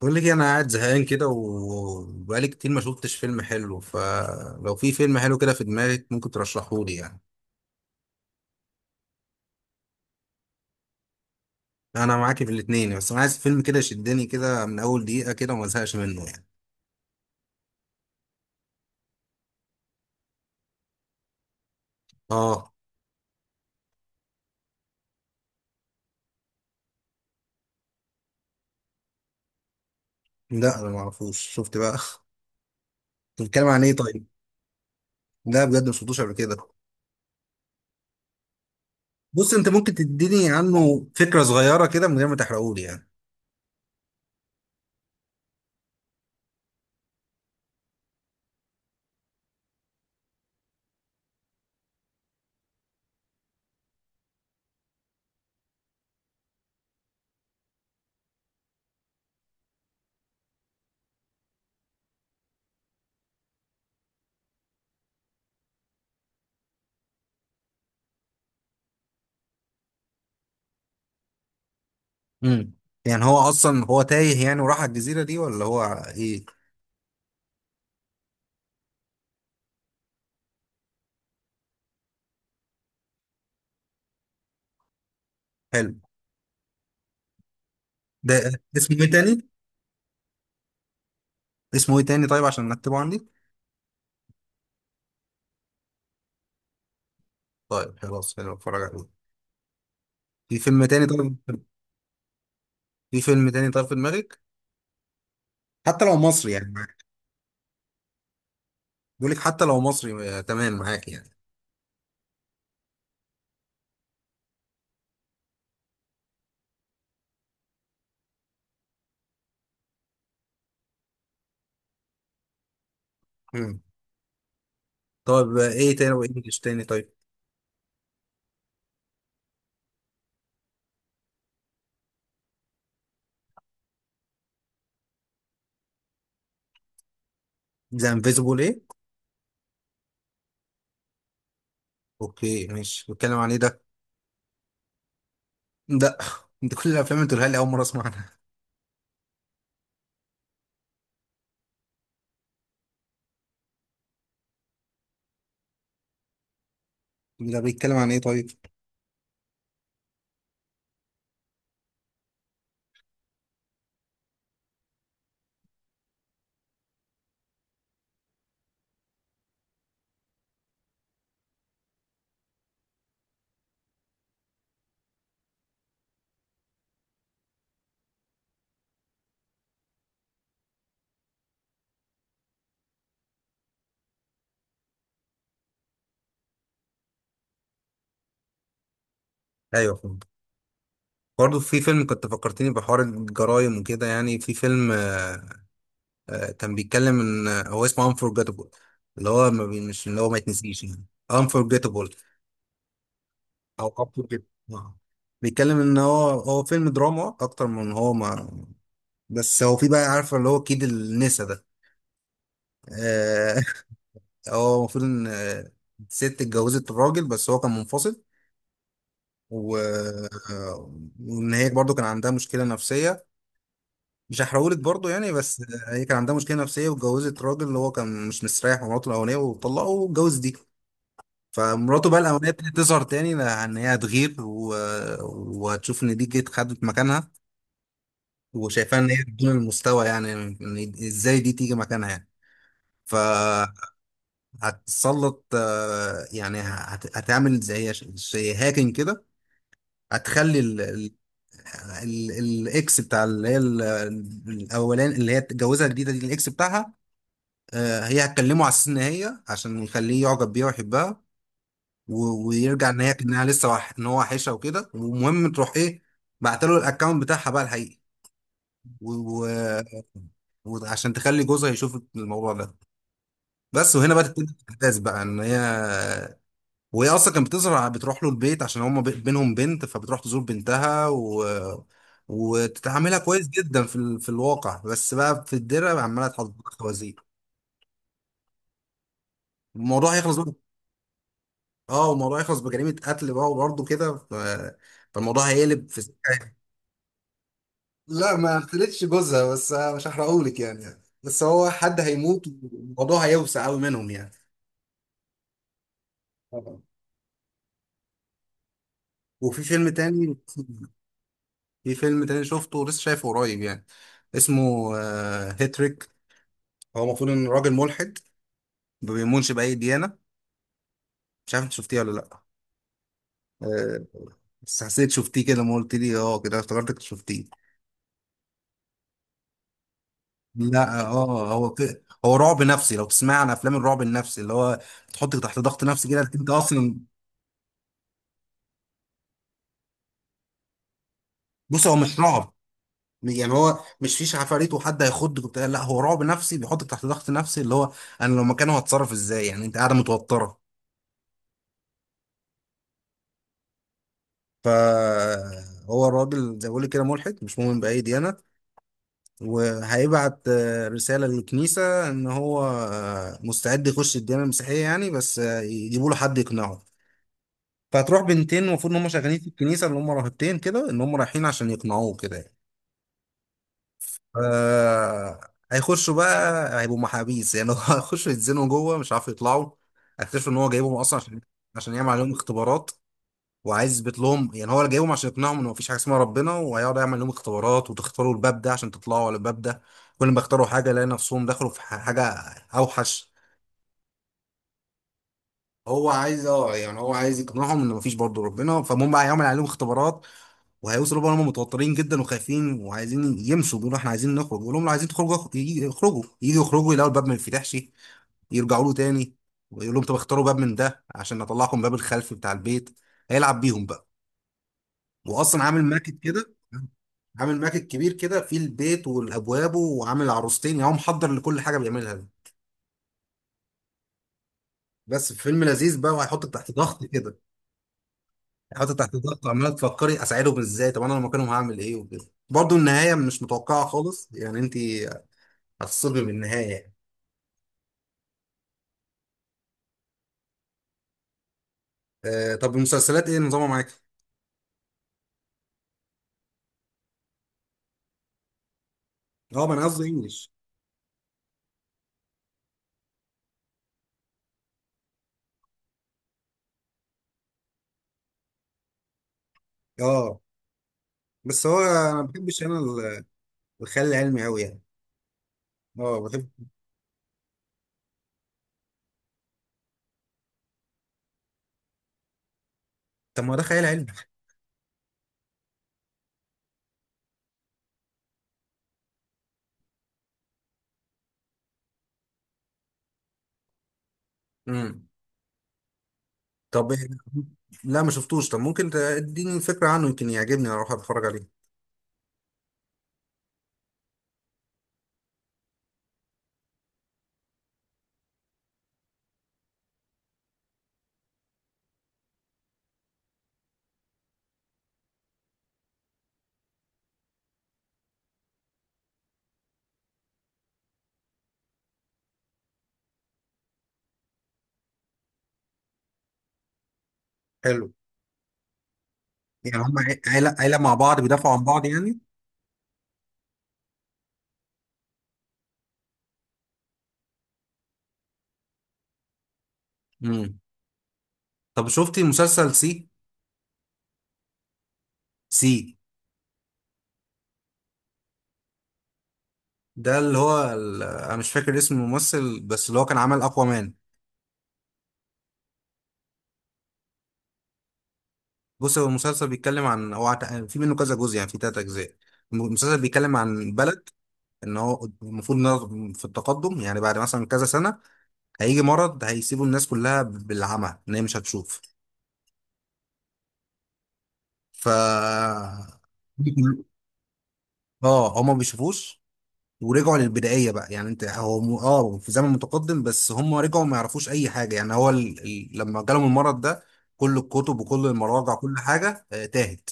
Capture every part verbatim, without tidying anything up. بقول لك إيه، انا قاعد زهقان كده وبقالي كتير ما شفتش فيلم حلو. فلو في فيلم حلو كده في دماغك ممكن ترشحه لي يعني. انا معاكي في الاتنين، بس انا عايز فيلم كده يشدني كده من اول دقيقة كده وما ازهقش منه يعني. اه، لا انا ما اعرفوش. شفت بقى. أنت بتتكلم عن ايه طيب؟ لا بجد ما شفتوش قبل كده. بص، انت ممكن تديني عنه فكرة صغيرة كده من غير ما تحرقه لي يعني. امم. يعني هو اصلا هو تايه يعني، وراح على الجزيرة دي ولا هو ايه؟ حلو ده. اسمه ايه تاني؟ اسمه ايه تاني طيب؟ عشان نكتبه عندي. طيب خلاص حلو، اتفرج عليه. في فيلم تاني طيب؟ في فيلم تاني طيب في دماغك؟ حتى لو مصري يعني معاك. بقول لك حتى لو مصري، آه، تمام معاك يعني. مم. طيب، آه، ايه تاني وانجلش تاني طيب؟ ذا انفيزبل ايه؟ اوكي ماشي. بيتكلم عن ايه ده؟ ده انت كل الافلام اللي تقولها لي اول مره اسمع عنها. ده بيتكلم عن ايه طيب؟ ايوه فهمت. برضه في فيلم كنت فكرتني بحوار الجرايم وكده يعني. في فيلم آه آه كان بيتكلم ان آه، هو اسمه انفورجيتابل. اللي هو ما بي- مش اللي هو ما يتنسيش يعني. انفورجيتابل. او قبول جدا. آه. بيتكلم ان هو هو فيلم دراما اكتر من هو ما. بس هو في بقى، عارفه اللي هو كيد النسا ده؟ آه. هو المفروض ان آه، الست اتجوزت الراجل، بس هو كان منفصل و. آه، وان هي برضه كان عندها مشكله نفسيه. مش هحرقهولك برضه يعني، بس آه، هي كان عندها مشكله نفسيه واتجوزت راجل اللي هو كان مش مستريح مع مراته الاولانيه، وطلقه واتجوز دي. فمراته بقى الاولانيه ابتدت تظهر تاني، لان هي هتغير و. وهتشوف ان دي جت خدت مكانها، وشايفاها ان هي بدون المستوى يعني، إن ازاي دي تيجي مكانها يعني؟ فهتسلط، آه، يعني هت- هتعمل زي زي هاكينج كده. هتخلي ال- ال- ال- الاكس بتاع اللي هي ال- الاولاني اللي هي اتجوزها الجديده دي الاكس بتاعها. آه، هي هتكلمه على اساس ان هي عشان يخليه يعجب بيها ويحبها، و- ويرجع ان هي انها لسه وح... ان هو وحشها وكده ومهم تروح ايه. بعتله الاكونت بتاعها بقى الحقيقي، و... و... وعشان تخلي جوزها يشوف الموضوع ده. بس وهنا بقى تبتدي الاحداث بقى ان هي. وهي اصلا كانت بتظهر بتروح له البيت عشان هما بي- بينهم بنت فبتروح تزور بنتها و. وتتعاملها كويس جدا في ال... في الواقع، بس بقى في الدره عماله تحط خوازير. الموضوع هيخلص بقى. اه، الموضوع هيخلص بجريمه قتل بقى وبرضه كده، ف. فالموضوع هيقلب في سكه. لا، ما قتلتش جوزها، بس مش هحرقهولك يعني، بس هو حد هيموت. والموضوع هيوسع قوي منهم يعني. وفي فيلم تاني. في فيلم تاني شفته ولسه شايفه قريب يعني. اسمه آه، هيتريك. هو المفروض ان راجل ملحد، ما بيؤمنش باي ديانه. مش عارف انت شفتيه ولا لا. آه، بس حسيت شفتيه كده ما قلت لي اه كده افتكرتك شفتيه. لا اه هو ك- هو رعب نفسي، لو تسمع عن افلام الرعب النفسي اللي هو تحطك تحت ضغط نفسي كده انت اصلا. بص هو مش رعب. يعني هو مش فيش عفاريت وحد هيخضك وبتاع، لا هو رعب نفسي بيحطك تحت ضغط نفسي اللي هو انا لو مكانه هتصرف ازاي يعني، انت قاعده متوتره. فهو الراجل زي ما بقول لك كده، ملحد مش مؤمن بأي ديانة. وهيبعت آه، رسالة للكنيسة إن هو آه، مستعد يخش الديانة المسيحية يعني، بس آه، يجيبوا له حد يقنعه. فهتروح بنتين، المفروض إن هم شغالين في الكنيسة اللي هم راهبتين كده، إن هم رايحين عشان يقنعوه كده يعني. آه، هيخشوا بقى هيبقوا محابيس يعني. هو هيخشوا يتزنوا جوه مش عارف يطلعوا. هيكتشفوا إن هو جايبهم أصلا عشان عشان يعمل عليهم اختبارات، وعايز يثبت لهم يعني هو اللي جايبهم عشان يقنعهم ان مفيش حاجه اسمها ربنا. وهيقعد يعمل لهم اختبارات، وتختاروا الباب ده عشان تطلعوا على الباب ده. كل ما اختاروا حاجه لقى نفسهم دخلوا في ح- حاجه اوحش. هو عايز اه، يعني هو عايز يقنعهم ان مفيش برضه ربنا. فالمهم بقى هيعمل عليهم اختبارات، وهيوصلوا بقى هم متوترين جدا وخايفين وعايزين يمشوا، بيقولوا احنا عايزين نخرج. يقول لهم لو عايزين تخرجوا اخ- يجي- يخرجوا يجوا يخرجوا يلاقوا الباب ما ينفتحش. يرجعوا له تاني ويقول لهم طب اختاروا باب من ده عشان اطلعكم باب الخلف بتاع البيت. هيلعب بيهم بقى. واصلا عامل ماكت كده، عامل ماكت كبير كده فيه البيت والابواب وعامل عروستين. يعني هو محضر لكل حاجه بيعملها دي. بس فيلم لذيذ بقى وهيحطك تحت ضغط كده. هيحطك تحت ضغط وعماله تفكري اساعدهم ازاي، طب انا لو مكانهم هعمل ايه وكده، برضه النهايه مش متوقعه خالص يعني انت هتصدمي بالنهايه يعني. آه طب المسلسلات ايه نظامها معاك؟ اه ما انا قصدي انجلش. اه بس هو انا ما بحبش انا ال- الخيال العلمي قوي يعني. اه بحب. طب ما ده خيال علمي. امم. طب إيه؟ لا ما شفتوش، طب ممكن تديني فكره عنه يمكن يعجبني اروح اتفرج عليه. حلو. يعني هم عي- عيلة عيلة مع بعض بيدافعوا عن بعض يعني. امم. طب شفتي مسلسل سي؟ سي، ده اللي هو ال- انا مش فاكر اسم الممثل، بس اللي هو كان عمل اقوى مان. بص هو المسلسل بيتكلم عن هو عت- في منه كذا جزء يعني، في تلات اجزاء. المسلسل بيتكلم عن بلد ان هو المفروض إنها في التقدم، يعني بعد مثلا كذا سنة هيجي مرض هيسيبوا الناس كلها بالعمى، ان هي مش هتشوف. ف اه هما ما بيشوفوش. ورجعوا للبدائيه بقى، يعني انت هو م- اه في زمن متقدم، بس هم رجعوا ما يعرفوش اي حاجه يعني هو ال... ال... لما جالهم المرض ده كل الكتب وكل المراجع كل حاجه آه، تاهت.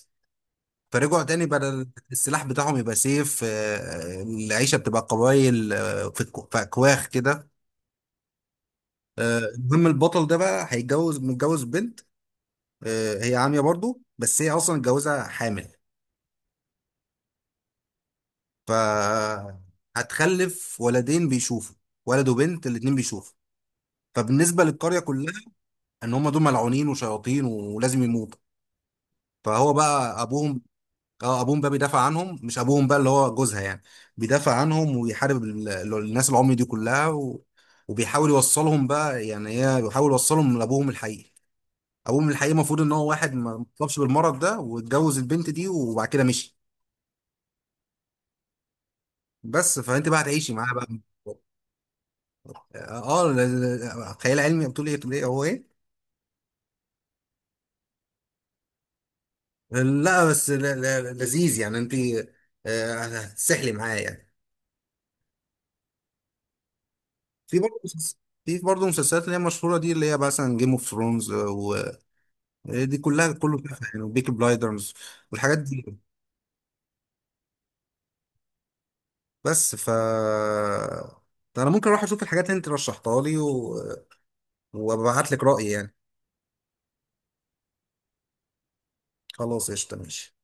فرجعوا تاني، بدل السلاح بتاعهم يبقى سيف، آه، العيشه بتبقى قبايل، آه، في الك- في اكواخ كده. آه، المهم البطل ده بقى هيتجوز، متجوز بنت. آه، هي عاميه برضو، بس هي اصلا متجوزه حامل. ف هتخلف ولدين بيشوفوا، ولد وبنت الاتنين بيشوفوا. فبالنسبة للقرية كلها، ان هم دول ملعونين وشياطين ولازم يموتوا. فهو بقى ابوهم. اه ابوهم بقى بيدافع عنهم، مش ابوهم بقى اللي هو جوزها يعني. بيدافع عنهم ويحارب ال- ال- الناس العمي دي كلها و. وبيحاول يوصلهم بقى، يعني هي بيحاول يوصلهم لابوهم الحقيقي. ابوهم الحقيقي المفروض ان هو واحد ما ما اتصابش بالمرض ده، واتجوز البنت دي وبعد كده مشي. بس فانت بقى هتعيشي معاه بقى. اه ل- ل- خيال علمي بتقول ايه، بتقول ايه هو ايه؟ لا بس ل- ل- لذيذ يعني انت. آه، هتسحلي معاه يعني. في برضه مسلس- في برضه مسلسلات اللي هي مشهورة دي، اللي هي مثلا جيم اوف ثرونز ودي كلها كله تحفة يعني، وبيكي بلايدرز والحاجات دي. بس ف ده انا ممكن اروح اشوف الحاجات اللي انت رشحتها لي، و... وابعت لك رأيي يعني. خلاص قشطة ماشي.